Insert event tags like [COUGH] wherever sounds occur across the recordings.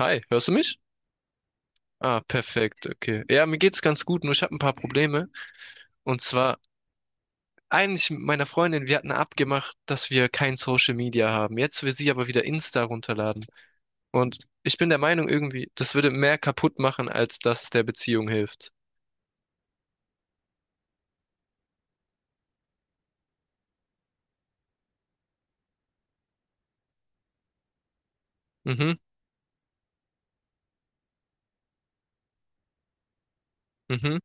Hi, hörst du mich? Ah, perfekt, okay. Ja, mir geht's ganz gut, nur ich habe ein paar Probleme. Und zwar eigentlich mit meiner Freundin, wir hatten abgemacht, dass wir kein Social Media haben. Jetzt will sie aber wieder Insta runterladen. Und ich bin der Meinung irgendwie, das würde mehr kaputt machen, als dass es der Beziehung hilft. Mhm, mhm,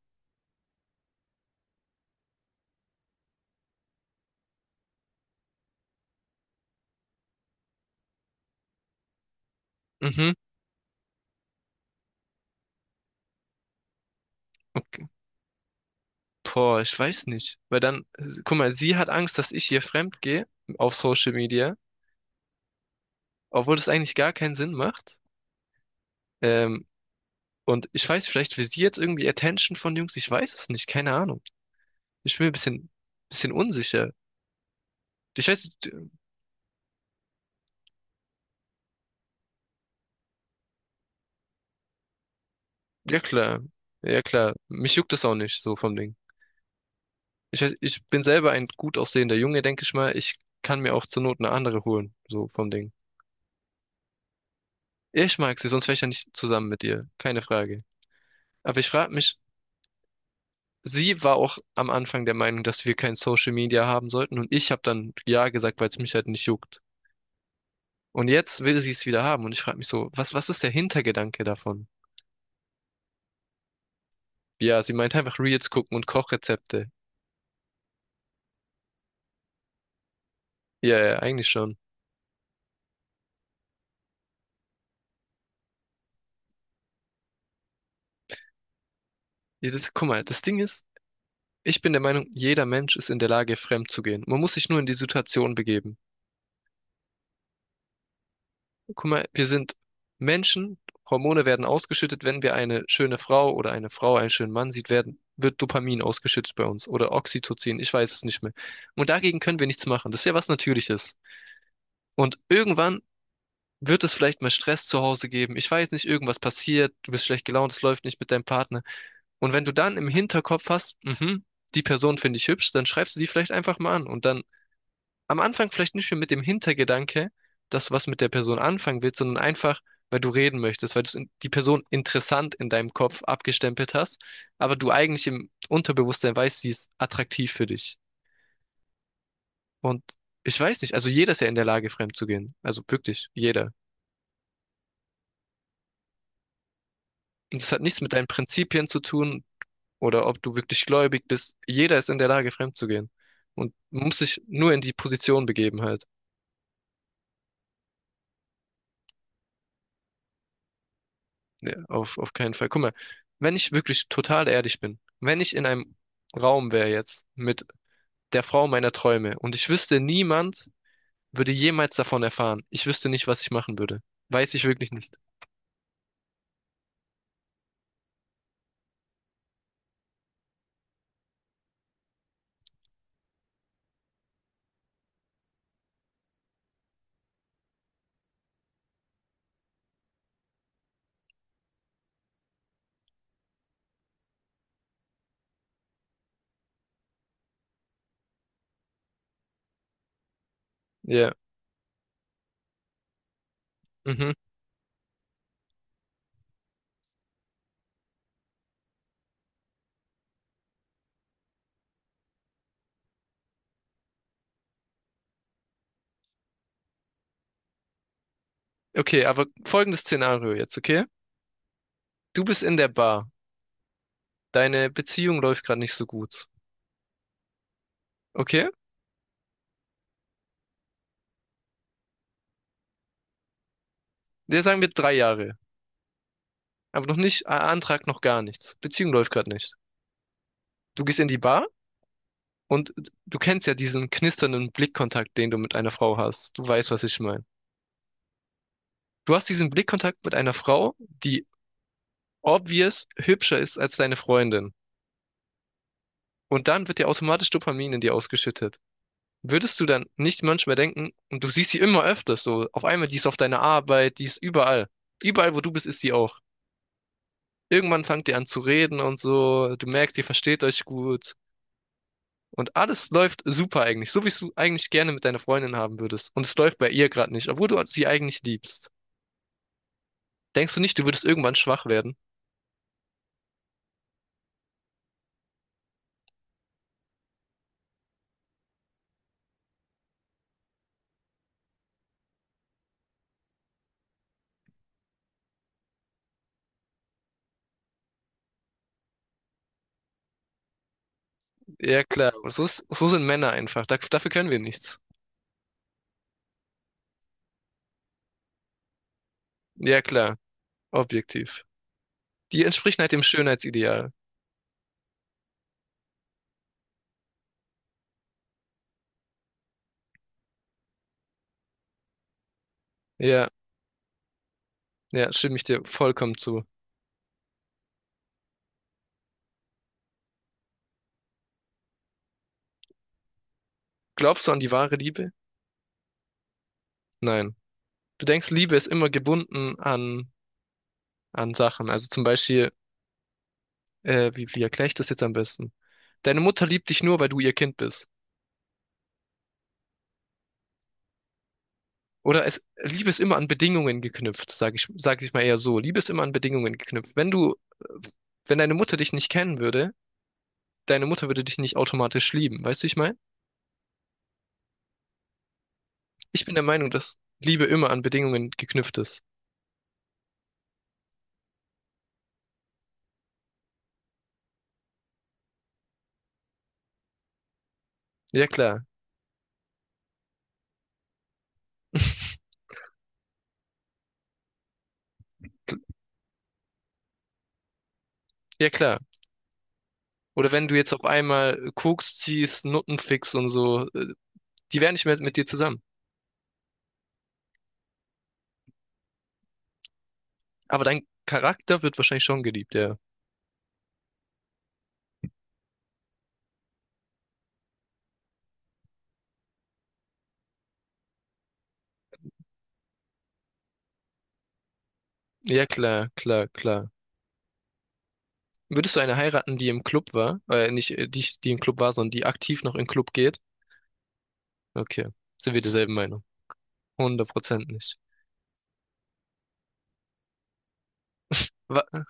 mhm. Okay. Boah, ich weiß nicht. Weil dann, guck mal, sie hat Angst, dass ich ihr fremd gehe auf Social Media, obwohl das eigentlich gar keinen Sinn macht. Ähm, Und ich weiß, vielleicht will sie jetzt irgendwie Attention von Jungs. Ich weiß es nicht, keine Ahnung. Ich bin mir ein bisschen unsicher. Ich weiß, ja klar, ja klar. Mich juckt das auch nicht, so vom Ding. Ich weiß, ich bin selber ein gut aussehender Junge, denke ich mal. Ich kann mir auch zur Not eine andere holen, so vom Ding. Ich mag sie, sonst wäre ich ja nicht zusammen mit ihr. Keine Frage. Aber ich frage mich, sie war auch am Anfang der Meinung, dass wir kein Social Media haben sollten. Und ich habe dann ja gesagt, weil es mich halt nicht juckt. Und jetzt will sie es wieder haben. Und ich frage mich so, was ist der Hintergedanke davon? Ja, sie meint einfach Reels gucken und Kochrezepte. Ja, ja, eigentlich schon. Ja, Das, guck mal, das Ding ist, ich bin der Meinung, jeder Mensch ist in der Lage, fremd zu gehen. Man muss sich nur in die Situation begeben. Guck mal, wir sind Menschen, Hormone werden ausgeschüttet, wenn wir eine schöne Frau oder eine Frau einen schönen Mann sieht, wird Dopamin ausgeschüttet bei uns oder Oxytocin, ich weiß es nicht mehr. Und dagegen können wir nichts machen. Das ist ja was Natürliches. Und irgendwann wird es vielleicht mal Stress zu Hause geben? Ich weiß nicht, irgendwas passiert, du bist schlecht gelaunt, es läuft nicht mit deinem Partner. Und wenn du dann im Hinterkopf hast, die Person finde ich hübsch, dann schreibst du die vielleicht einfach mal an. Und dann am Anfang vielleicht nicht mehr mit dem Hintergedanke, dass du was mit der Person anfangen willst, sondern einfach, weil du reden möchtest, weil du die Person interessant in deinem Kopf abgestempelt hast, aber du eigentlich im Unterbewusstsein weißt, sie ist attraktiv für dich. Und ich weiß nicht, also jeder ist ja in der Lage, fremd zu gehen. Also wirklich, jeder. Und das hat nichts mit deinen Prinzipien zu tun oder ob du wirklich gläubig bist. Jeder ist in der Lage, fremd zu gehen. Und man muss sich nur in die Position begeben halt. Nee, auf keinen Fall. Guck mal, wenn ich wirklich total ehrlich bin, wenn ich in einem Raum wäre jetzt mit der Frau meiner Träume und ich wüsste, niemand würde jemals davon erfahren. Ich wüsste nicht, was ich machen würde. Weiß ich wirklich nicht. Ja. Mhm. Okay, aber folgendes Szenario jetzt, okay? Du bist in der Bar. Deine Beziehung läuft gerade nicht so gut. Okay? Der sagen wir 3 Jahre. Aber noch nicht, Antrag noch gar nichts. Beziehung läuft gerade nicht. Du gehst in die Bar und du kennst ja diesen knisternden Blickkontakt, den du mit einer Frau hast. Du weißt, was ich meine. Du hast diesen Blickkontakt mit einer Frau, die obvious hübscher ist als deine Freundin. Und dann wird dir automatisch Dopamin in dir ausgeschüttet. Würdest du dann nicht manchmal denken, und du siehst sie immer öfters so, auf einmal, die ist auf deiner Arbeit, die ist überall. Überall, wo du bist, ist sie auch. Irgendwann fangt ihr an zu reden und so, du merkst, ihr versteht euch gut. Und alles läuft super eigentlich, so wie du eigentlich gerne mit deiner Freundin haben würdest. Und es läuft bei ihr gerade nicht, obwohl du sie eigentlich liebst. Denkst du nicht, du würdest irgendwann schwach werden? Ja, klar. So sind Männer einfach. Dafür können wir nichts. Ja, klar. Objektiv. Die entsprechen halt dem Schönheitsideal. Ja, ja, stimme ich dir vollkommen zu. Glaubst du an die wahre Liebe? Nein. Du denkst, Liebe ist immer gebunden an Sachen. Also zum Beispiel, wie erkläre ich das jetzt am besten? Deine Mutter liebt dich nur, weil du ihr Kind bist. Liebe ist immer an Bedingungen geknüpft, sag ich mal eher so. Liebe ist immer an Bedingungen geknüpft. Wenn wenn deine Mutter dich nicht kennen würde, deine Mutter würde dich nicht automatisch lieben. Weißt du, wie ich meine? Ich bin der Meinung, dass Liebe immer an Bedingungen geknüpft ist. Ja, klar. [LAUGHS] Ja, klar. Oder wenn du jetzt auf einmal Koks ziehst, Nutten fickst und so, die wären nicht mehr mit dir zusammen. Aber dein Charakter wird wahrscheinlich schon geliebt, ja. Ja, klar, klar, klar. Würdest du eine heiraten, die im Club war, nicht, die, die im Club war, sondern die aktiv noch im Club geht? Okay, sind wir derselben Meinung? 100% nicht. Wa-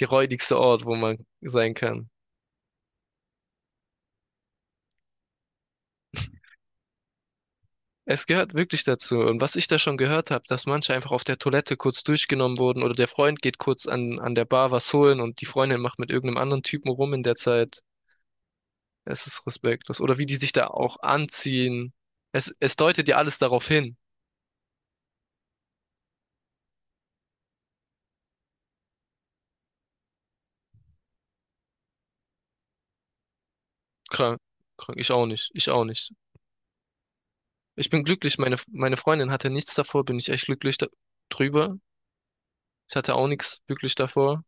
Die räudigste Ort, wo man sein kann. Es gehört wirklich dazu. Und was ich da schon gehört habe, dass manche einfach auf der Toilette kurz durchgenommen wurden oder der Freund geht kurz an der Bar was holen und die Freundin macht mit irgendeinem anderen Typen rum in der Zeit. Es ist respektlos. Oder wie die sich da auch anziehen. Es deutet ja alles darauf hin. Krank, krank. Ich auch nicht. Ich auch nicht. Ich bin glücklich. Meine Freundin hatte nichts davor. Bin ich echt glücklich da drüber. Ich hatte auch nichts wirklich davor.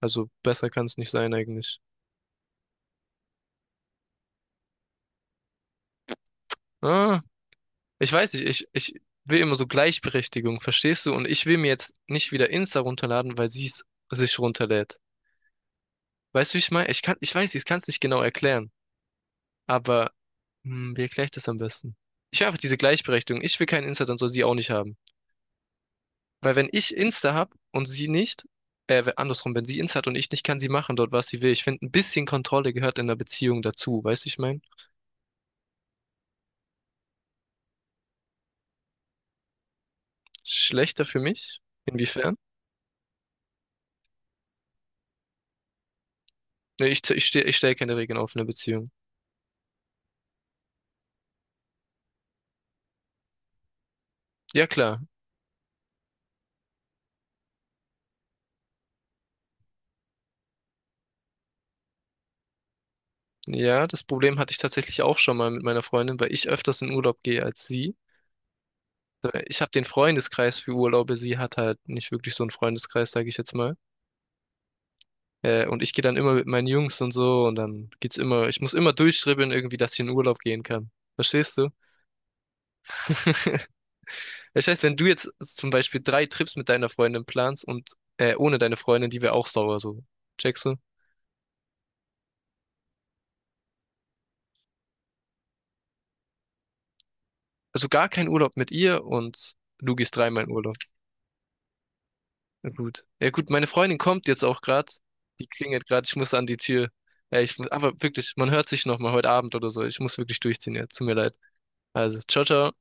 Also besser kann es nicht sein eigentlich. Ah, ich weiß nicht, ich will immer so Gleichberechtigung, verstehst du? Und ich will mir jetzt nicht wieder Insta runterladen, weil sie es sich runterlädt. Weißt du, wie ich meine? Ich weiß, ich kann es nicht genau erklären. Aber hm, wie erkläre ich das am besten? Ich will einfach diese Gleichberechtigung. Ich will kein Insta, dann soll sie auch nicht haben. Weil wenn ich Insta hab und sie nicht, andersrum, wenn sie Insta hat und ich nicht, kann sie machen dort, was sie will. Ich finde, ein bisschen Kontrolle gehört in einer Beziehung dazu. Weißt du, wie ich meine? Schlechter für mich? Inwiefern? Nee, ich stelle keine Regeln auf in einer Beziehung. Ja, klar. Ja, das Problem hatte ich tatsächlich auch schon mal mit meiner Freundin, weil ich öfters in Urlaub gehe als sie. Ich habe den Freundeskreis für Urlaube, sie hat halt nicht wirklich so einen Freundeskreis, sage ich jetzt mal. Und ich gehe dann immer mit meinen Jungs und so und dann geht's immer, ich muss immer durchschribbeln irgendwie, dass ich in Urlaub gehen kann. Verstehst du? [LAUGHS] Das heißt, wenn du jetzt zum Beispiel 3 Trips mit deiner Freundin planst und ohne deine Freundin, die wäre auch sauer so. Checkst du? Also gar kein Urlaub mit ihr und du gehst dreimal in Urlaub. Na gut. Ja gut, meine Freundin kommt jetzt auch gerade. Die klingelt gerade, ich muss an die Tür. Ja, ich muss, aber wirklich, man hört sich noch mal heute Abend oder so. Ich muss wirklich durchziehen jetzt. Tut mir leid. Also, ciao, ciao.